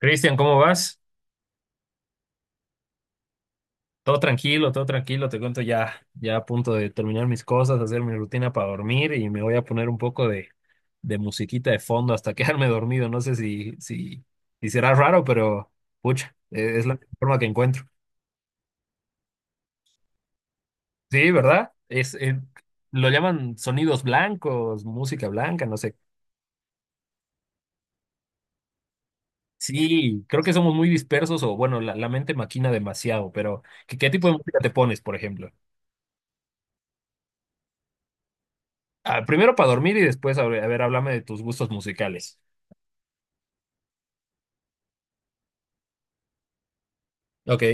Cristian, ¿cómo vas? Todo tranquilo, te cuento ya, ya a punto de terminar mis cosas, hacer mi rutina para dormir y me voy a poner un poco de musiquita de fondo hasta quedarme dormido. No sé si será raro, pero pucha, es la forma que encuentro. Sí, ¿verdad? Es, lo llaman sonidos blancos, música blanca, no sé. Sí, creo que somos muy dispersos o bueno, la mente maquina demasiado, pero ¿qué, qué tipo de música te pones, por ejemplo? Ah, primero para dormir y después, a ver, háblame de tus gustos musicales. Ok,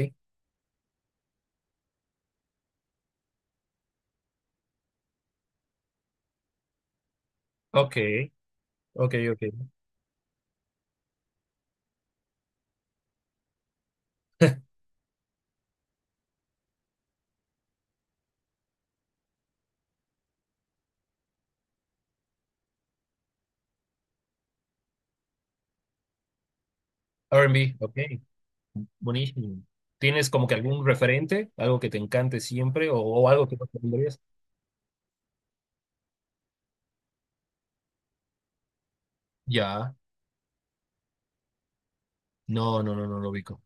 ok, ok, ok. R&B, ok, buenísimo. ¿Tienes como que algún referente, algo que te encante siempre o algo que no pondrías? Ya, no, no, no, no lo ubico.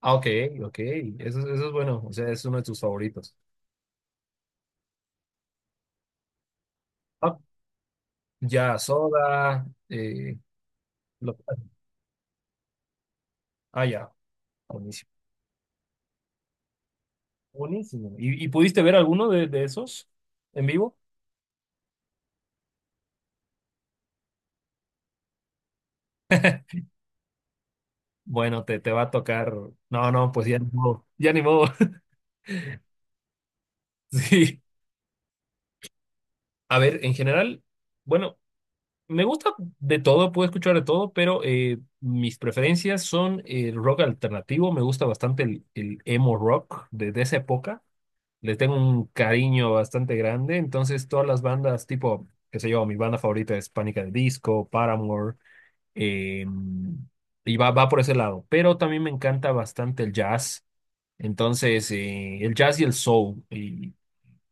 Ah, ok, ok, eso es bueno, o sea, es uno de tus favoritos. Ah, ya, Soda, lo- ah, ya, buenísimo. Buenísimo. Y pudiste ver alguno de esos en vivo? Bueno, te va a tocar. No, no, pues ya ni modo, ya ni modo. Sí. A ver, en general, bueno. Me gusta de todo, puedo escuchar de todo, pero mis preferencias son el rock alternativo. Me gusta bastante el emo rock desde esa época. Le tengo un cariño bastante grande. Entonces, todas las bandas, tipo, qué sé yo, mi banda favorita es Pánica de Disco, Paramore, eh, y va, va por ese lado. Pero también me encanta bastante el jazz. Entonces, el jazz y el soul. Y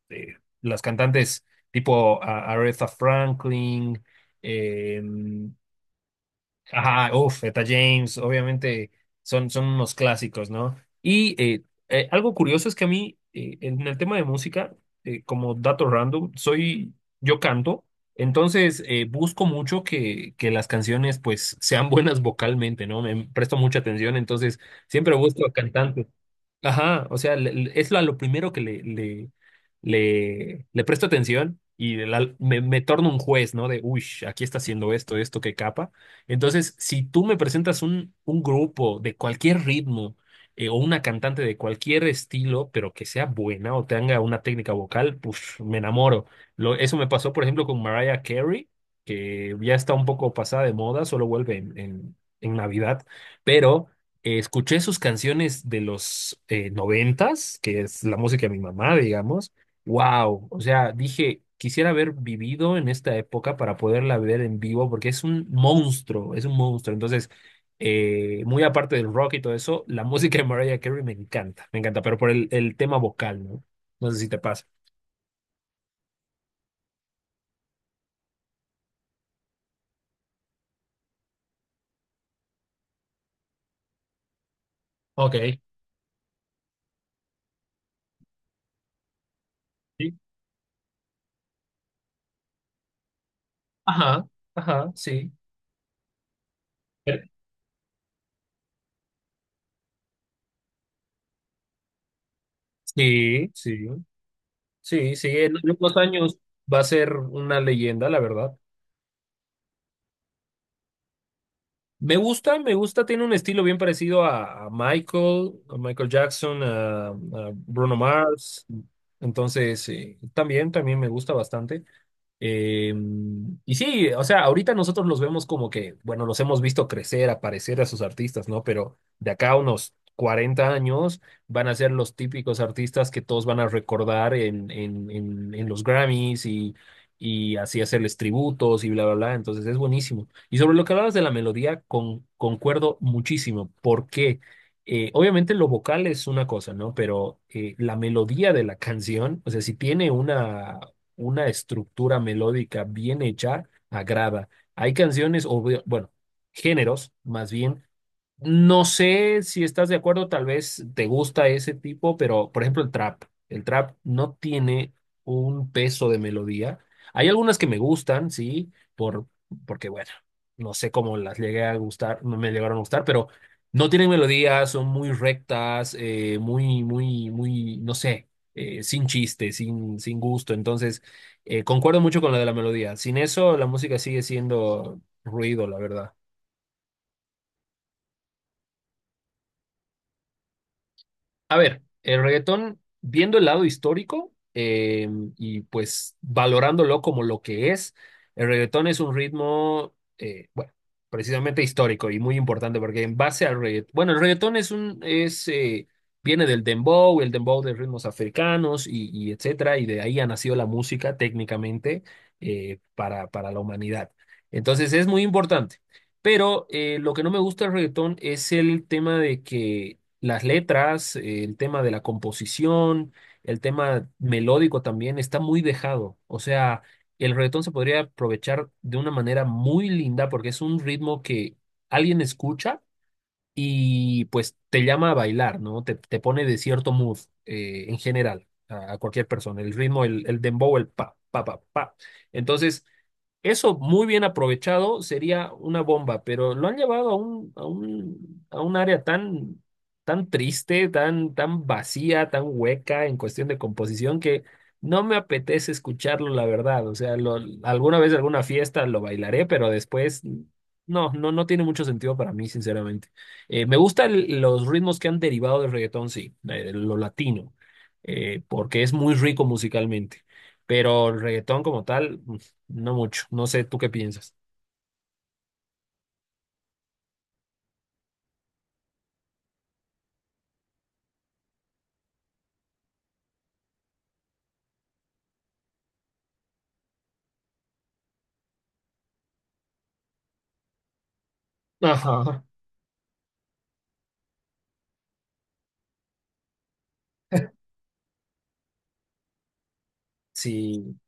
las cantantes tipo Aretha Franklin. Eh, Ajá, uf, Eta James, obviamente son, son unos clásicos, ¿no? Y algo curioso es que a mí, en el tema de música, como dato random, soy, yo canto, entonces busco mucho que las canciones pues sean buenas vocalmente, ¿no? Me presto mucha atención, entonces siempre busco a cantantes. Ajá, o sea, es lo, a lo primero que le presto atención y me, me torno un juez, ¿no? De, uy, aquí está haciendo esto, esto, qué capa. Entonces, si tú me presentas un grupo de cualquier ritmo o una cantante de cualquier estilo, pero que sea buena o tenga una técnica vocal, pues me enamoro. Lo, eso me pasó, por ejemplo, con Mariah Carey, que ya está un poco pasada de moda, solo vuelve en Navidad, pero escuché sus canciones de los noventas, que es la música de mi mamá, digamos. Wow, o sea, dije, quisiera haber vivido en esta época para poderla ver en vivo, porque es un monstruo, es un monstruo. Entonces, muy aparte del rock y todo eso, la música de Mariah Carey me encanta, pero por el tema vocal, ¿no? No sé si te pasa. Ok, sí. Ajá, ajá, sí. Pero- Sí, sí, sí, sí. En unos años va a ser una leyenda, la verdad. Me gusta, tiene un estilo bien parecido a Michael Jackson, a Bruno Mars. Entonces, también, también me gusta bastante. Eh, y sí, o sea, ahorita nosotros los vemos como que, bueno, los hemos visto crecer, aparecer a sus artistas, ¿no? Pero de acá a unos 40 años van a ser los típicos artistas que todos van a recordar en los Grammys y así hacerles tributos y bla, bla, bla. Entonces es buenísimo. Y sobre lo que hablabas de la melodía, concuerdo muchísimo, porque obviamente lo vocal es una cosa, ¿no? Pero la melodía de la canción, o sea, si tiene una estructura melódica bien hecha agrada. Hay canciones, o bueno, géneros más bien, no sé si estás de acuerdo, tal vez te gusta ese tipo, pero por ejemplo el trap no tiene un peso de melodía. Hay algunas que me gustan, sí, por, porque bueno, no sé cómo las llegué a gustar, no me llegaron a gustar, pero no tienen melodía, son muy rectas, no sé, sin chiste, sin, sin gusto. Entonces, concuerdo mucho con la de la melodía. Sin eso, la música sigue siendo ruido, la verdad. A ver, el reggaetón, viendo el lado histórico y pues valorándolo como lo que es, el reggaetón es un ritmo, bueno, precisamente histórico y muy importante porque en base al reggaetón, bueno, el reggaetón es un, es, viene del dembow, el dembow de ritmos africanos y etcétera, y de ahí ha nacido la música técnicamente para la humanidad. Entonces es muy importante. Pero lo que no me gusta del reggaetón es el tema de que las letras, el tema de la composición, el tema melódico también está muy dejado. O sea, el reggaetón se podría aprovechar de una manera muy linda porque es un ritmo que alguien escucha y pues te llama a bailar, ¿no? Te pone de cierto mood en general a cualquier persona. El ritmo, el dembow, el pa, pa, pa, pa. Entonces, eso muy bien aprovechado sería una bomba, pero lo han llevado a un área tan, tan triste, tan, tan vacía, tan hueca en cuestión de composición que no me apetece escucharlo, la verdad. O sea, alguna vez, alguna fiesta lo bailaré, pero después no, no, no tiene mucho sentido para mí, sinceramente. Me gustan los ritmos que han derivado del reggaetón, sí, lo latino, porque es muy rico musicalmente, pero el reggaetón como tal. No mucho. No sé, ¿tú qué piensas? Ajá. Sí.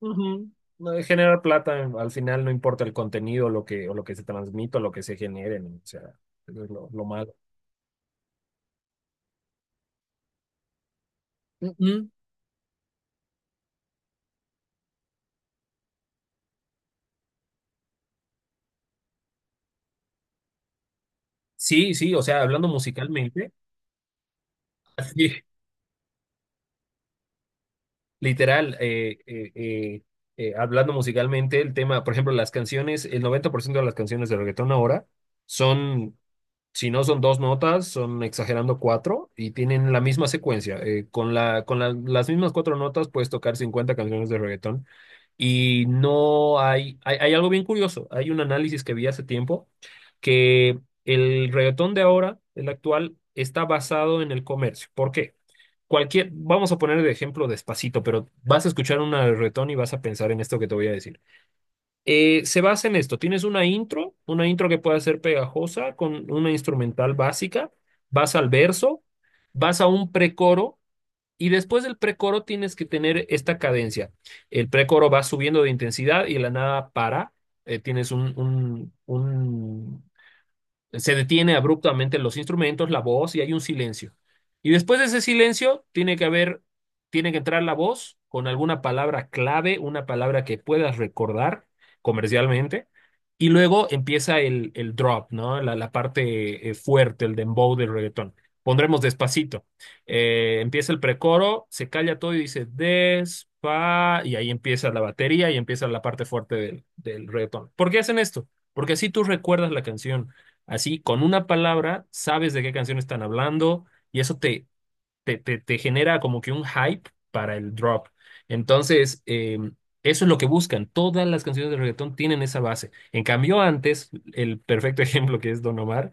Ujú. No, de generar plata, al final no importa el contenido, lo que, o lo que se transmite, o lo que se genere, ¿no? O sea, eso es lo malo. Ujú. Sí, sí, o sea, hablando musicalmente, sí, literal, hablando musicalmente, el tema, por ejemplo, las canciones, el 90% de las canciones de reggaetón ahora son. Si no son dos notas, son exagerando cuatro y tienen la misma secuencia. Las mismas cuatro notas puedes tocar 50 canciones de reggaetón y no hay, hay algo bien curioso. Hay un análisis que vi hace tiempo que el reggaetón de ahora, el actual, está basado en el comercio. ¿Por qué? Cualquier, vamos a poner de ejemplo Despacito, pero vas a escuchar una de reggaetón y vas a pensar en esto que te voy a decir. Se basa en esto. Tienes una intro que puede ser pegajosa con una instrumental básica, vas al verso, vas a un precoro y después del precoro tienes que tener esta cadencia. El precoro va subiendo de intensidad y de la nada para. Un se detiene abruptamente los instrumentos, la voz y hay un silencio. Y después de ese silencio tiene que haber, tiene que entrar la voz con alguna palabra clave, una palabra que puedas recordar comercialmente. Y luego empieza el drop, ¿no? La parte fuerte, el dembow del reggaetón. Pondremos despacito. Empieza el precoro, se calla todo y dice despa, y ahí empieza la batería y empieza la parte fuerte del reggaetón. ¿Por qué hacen esto? Porque así tú recuerdas la canción. Así, con una palabra, sabes de qué canción están hablando y eso te genera como que un hype para el drop. Entonces, eso es lo que buscan. Todas las canciones de reggaetón tienen esa base. En cambio, antes, el perfecto ejemplo que es Don Omar,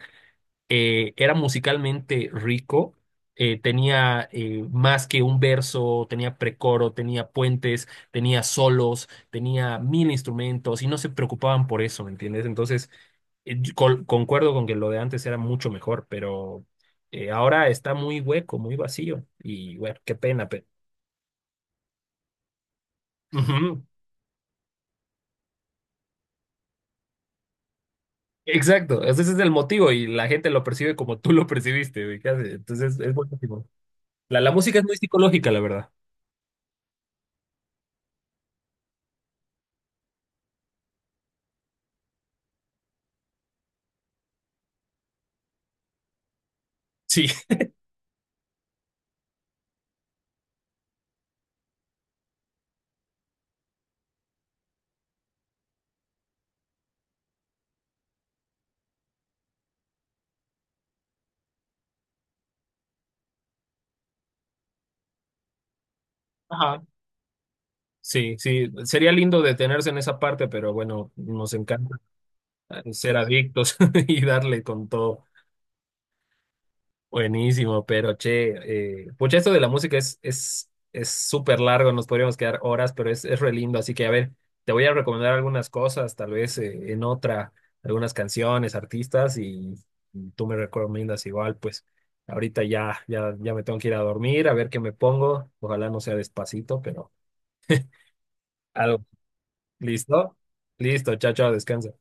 era musicalmente rico, tenía más que un verso, tenía precoro, tenía puentes, tenía solos, tenía mil instrumentos y no se preocupaban por eso, ¿me entiendes? Entonces... Yo concuerdo con que lo de antes era mucho mejor, pero ahora está muy hueco, muy vacío. Y bueno, qué pena, pero. Ujú. Exacto, ese es el motivo y la gente lo percibe como tú lo percibiste. Güey, casi. Entonces es buenísimo. La música es muy psicológica, la verdad. Sí. Ajá. Sí, sí, sería lindo detenerse en esa parte, pero bueno, nos encanta ser adictos y darle con todo. Buenísimo, pero che, pucha, esto de la música es súper largo, nos podríamos quedar horas, pero es re lindo, así que a ver, te voy a recomendar algunas cosas, tal vez en otra, algunas canciones, artistas, y tú me recomiendas igual, pues ahorita ya, ya, ya me tengo que ir a dormir, a ver qué me pongo, ojalá no sea despacito, pero algo, ¿listo? Listo, chao, chao, descansa.